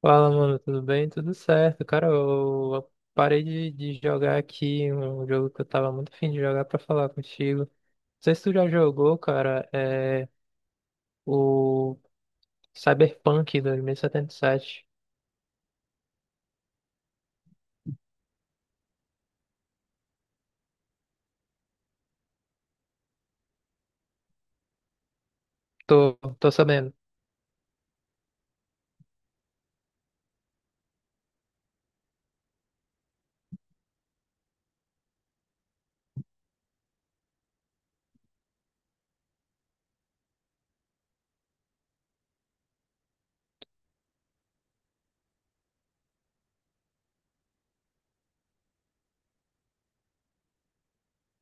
Fala, mano, tudo bem? Tudo certo. Cara, eu parei de jogar aqui um jogo que eu tava muito afim de jogar pra falar contigo. Não sei se tu já jogou, cara, é o Cyberpunk 2077. Tô sabendo.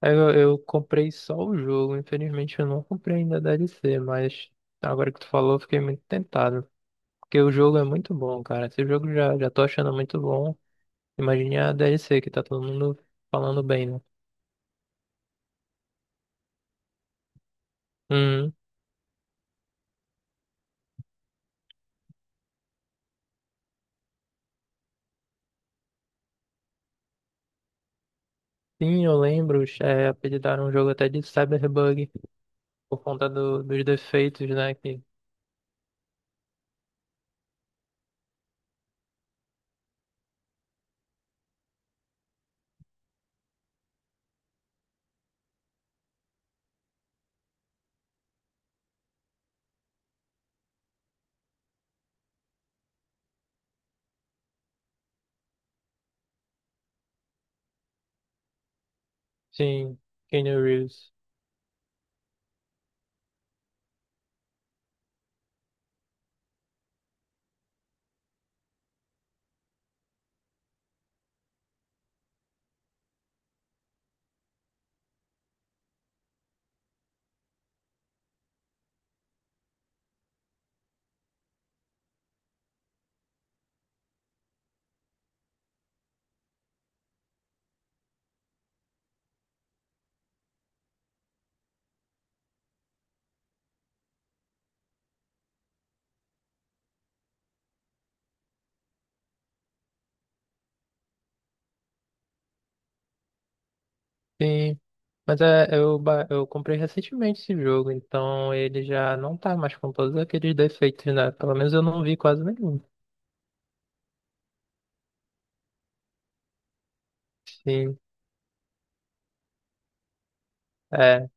Aí eu comprei só o jogo, infelizmente eu não comprei ainda a DLC, mas agora que tu falou, eu fiquei muito tentado. Porque o jogo é muito bom, cara. Esse jogo já tô achando muito bom. Imagine a DLC que tá todo mundo falando bem, né? Uhum. Sim, eu lembro, é, apelidaram um jogo até de Cyberbug, por conta dos defeitos, né, que sim, Keanu Reeves. Sim, mas é, eu comprei recentemente esse jogo, então ele já não tá mais com todos aqueles defeitos, né, pelo menos eu não vi quase nenhum. Sim, é.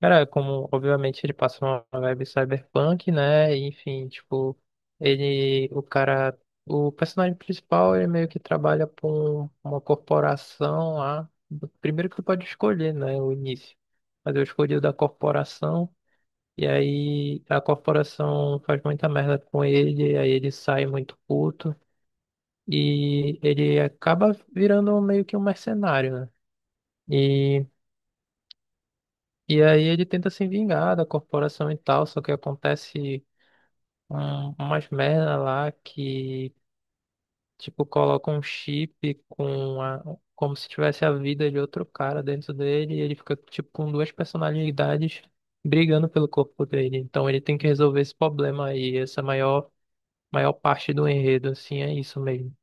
Cara, como obviamente ele passa uma vibe cyberpunk, né? Enfim, tipo, ele, o cara, o personagem principal, ele meio que trabalha para uma corporação lá. Primeiro que tu pode escolher, né? O início. Mas eu escolhi o da corporação, e aí a corporação faz muita merda com ele, aí ele sai muito puto, e ele acaba virando meio que um mercenário, né? E aí ele tenta se vingar da corporação e tal, só que acontece umas merda lá que, tipo, coloca um chip com como se tivesse a vida de outro cara dentro dele e ele fica, tipo, com duas personalidades brigando pelo corpo dele. Então ele tem que resolver esse problema aí, essa maior parte do enredo, assim, é isso mesmo.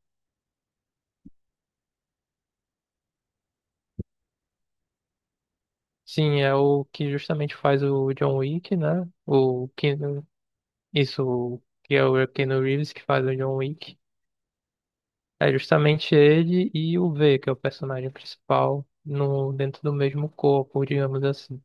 Sim, é o que justamente faz o John Wick, né? Isso, que é o Keanu Reeves que faz o John Wick. É justamente ele e o V, que é o personagem principal, no, dentro do mesmo corpo, digamos assim.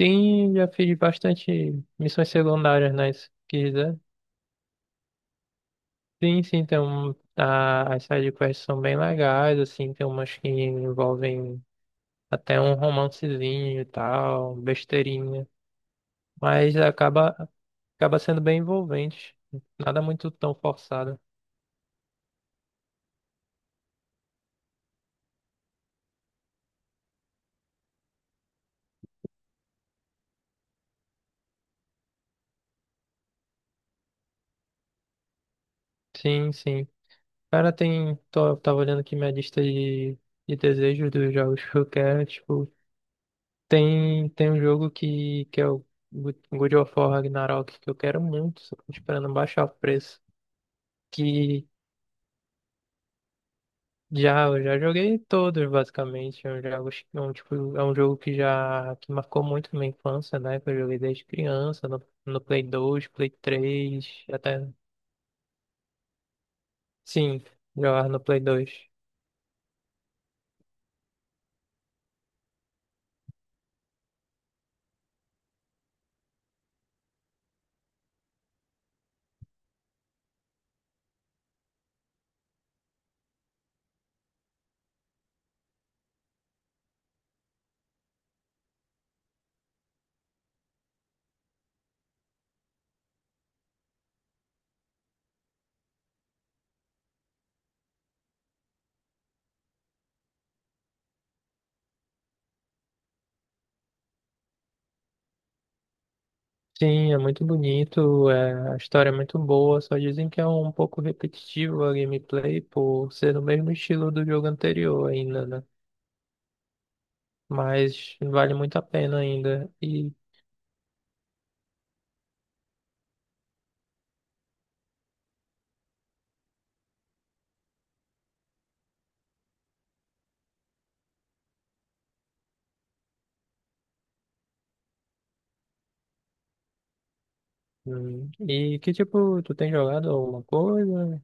Sim, já fiz bastante missões secundárias, né? Se quiser. Sim, tem as side quests são bem legais, assim, tem umas que envolvem até um romancezinho e tal, besteirinha. Mas acaba, acaba sendo bem envolvente. Nada muito tão forçado. Sim, sim. Cara, tem. Tava olhando aqui minha lista de desejos dos jogos que eu quero. Tipo, tem um jogo que é o God of War Ragnarok, que eu quero muito, só tô esperando baixar o preço. Que já, eu já joguei todos, basicamente. Tipo, é um jogo que já que marcou muito minha infância, né? Que eu joguei desde criança, no Play 2, Play 3, até. Sim, jogar no Play 2. Sim, é muito bonito, é, a história é muito boa, só dizem que é um pouco repetitivo a gameplay por ser no mesmo estilo do jogo anterior ainda, né? Mas vale muito a pena ainda. E que tipo, tu tem jogado alguma coisa?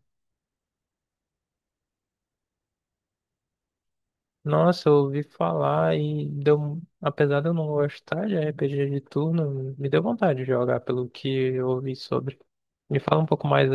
Nossa, eu ouvi falar e deu, apesar de eu não gostar de RPG de turno, me deu vontade de jogar pelo que eu ouvi sobre. Me fala um pouco mais.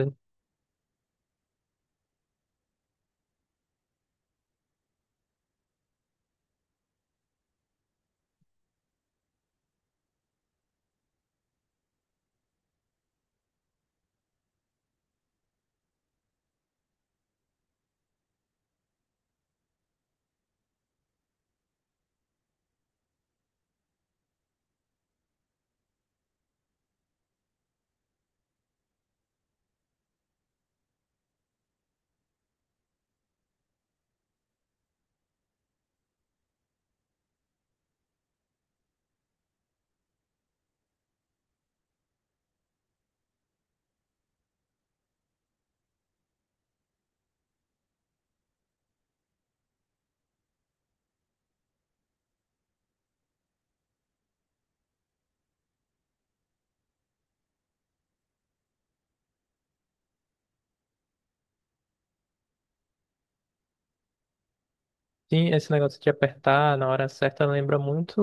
Sim, esse negócio de apertar na hora certa lembra muito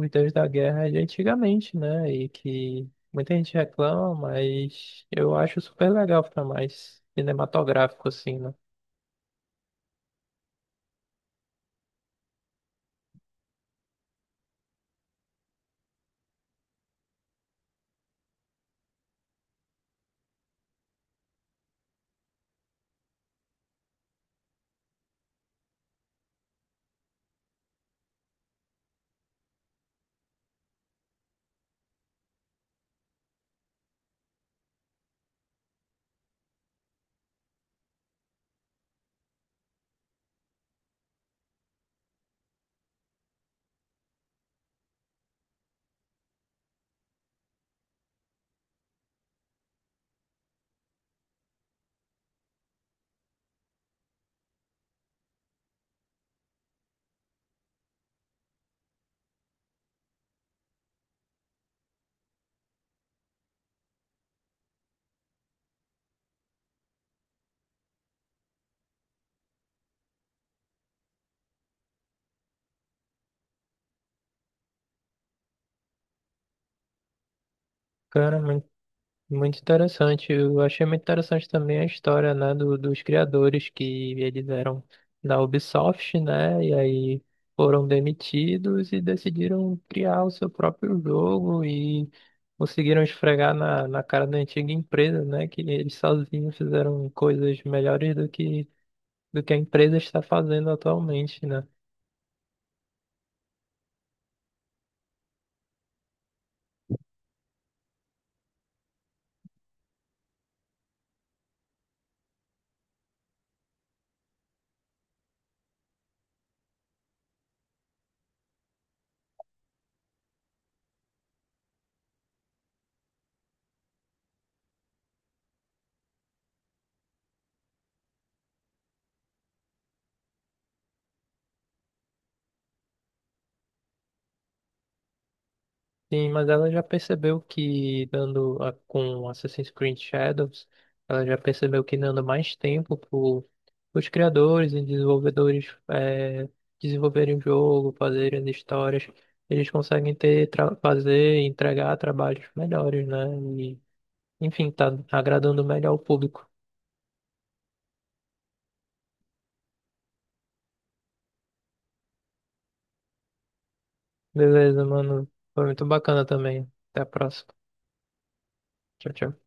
os Deus da Guerra de antigamente, né? E que muita gente reclama, mas eu acho super legal, fica mais cinematográfico, assim, né? Cara, muito interessante. Eu achei muito interessante também a história, né, dos criadores que eles eram da Ubisoft, né, e aí foram demitidos e decidiram criar o seu próprio jogo e conseguiram esfregar na cara da antiga empresa, né, que eles sozinhos fizeram coisas melhores do que a empresa está fazendo atualmente, né. Sim, mas ela já percebeu que com Assassin's Creed Shadows, ela já percebeu que dando mais tempo para os criadores e desenvolvedores é, desenvolverem o jogo, fazerem as histórias, eles conseguem fazer e entregar trabalhos melhores, né? E, enfim, tá agradando melhor o público. Beleza, mano. Foi muito bacana também. Até a próxima. Tchau, tchau.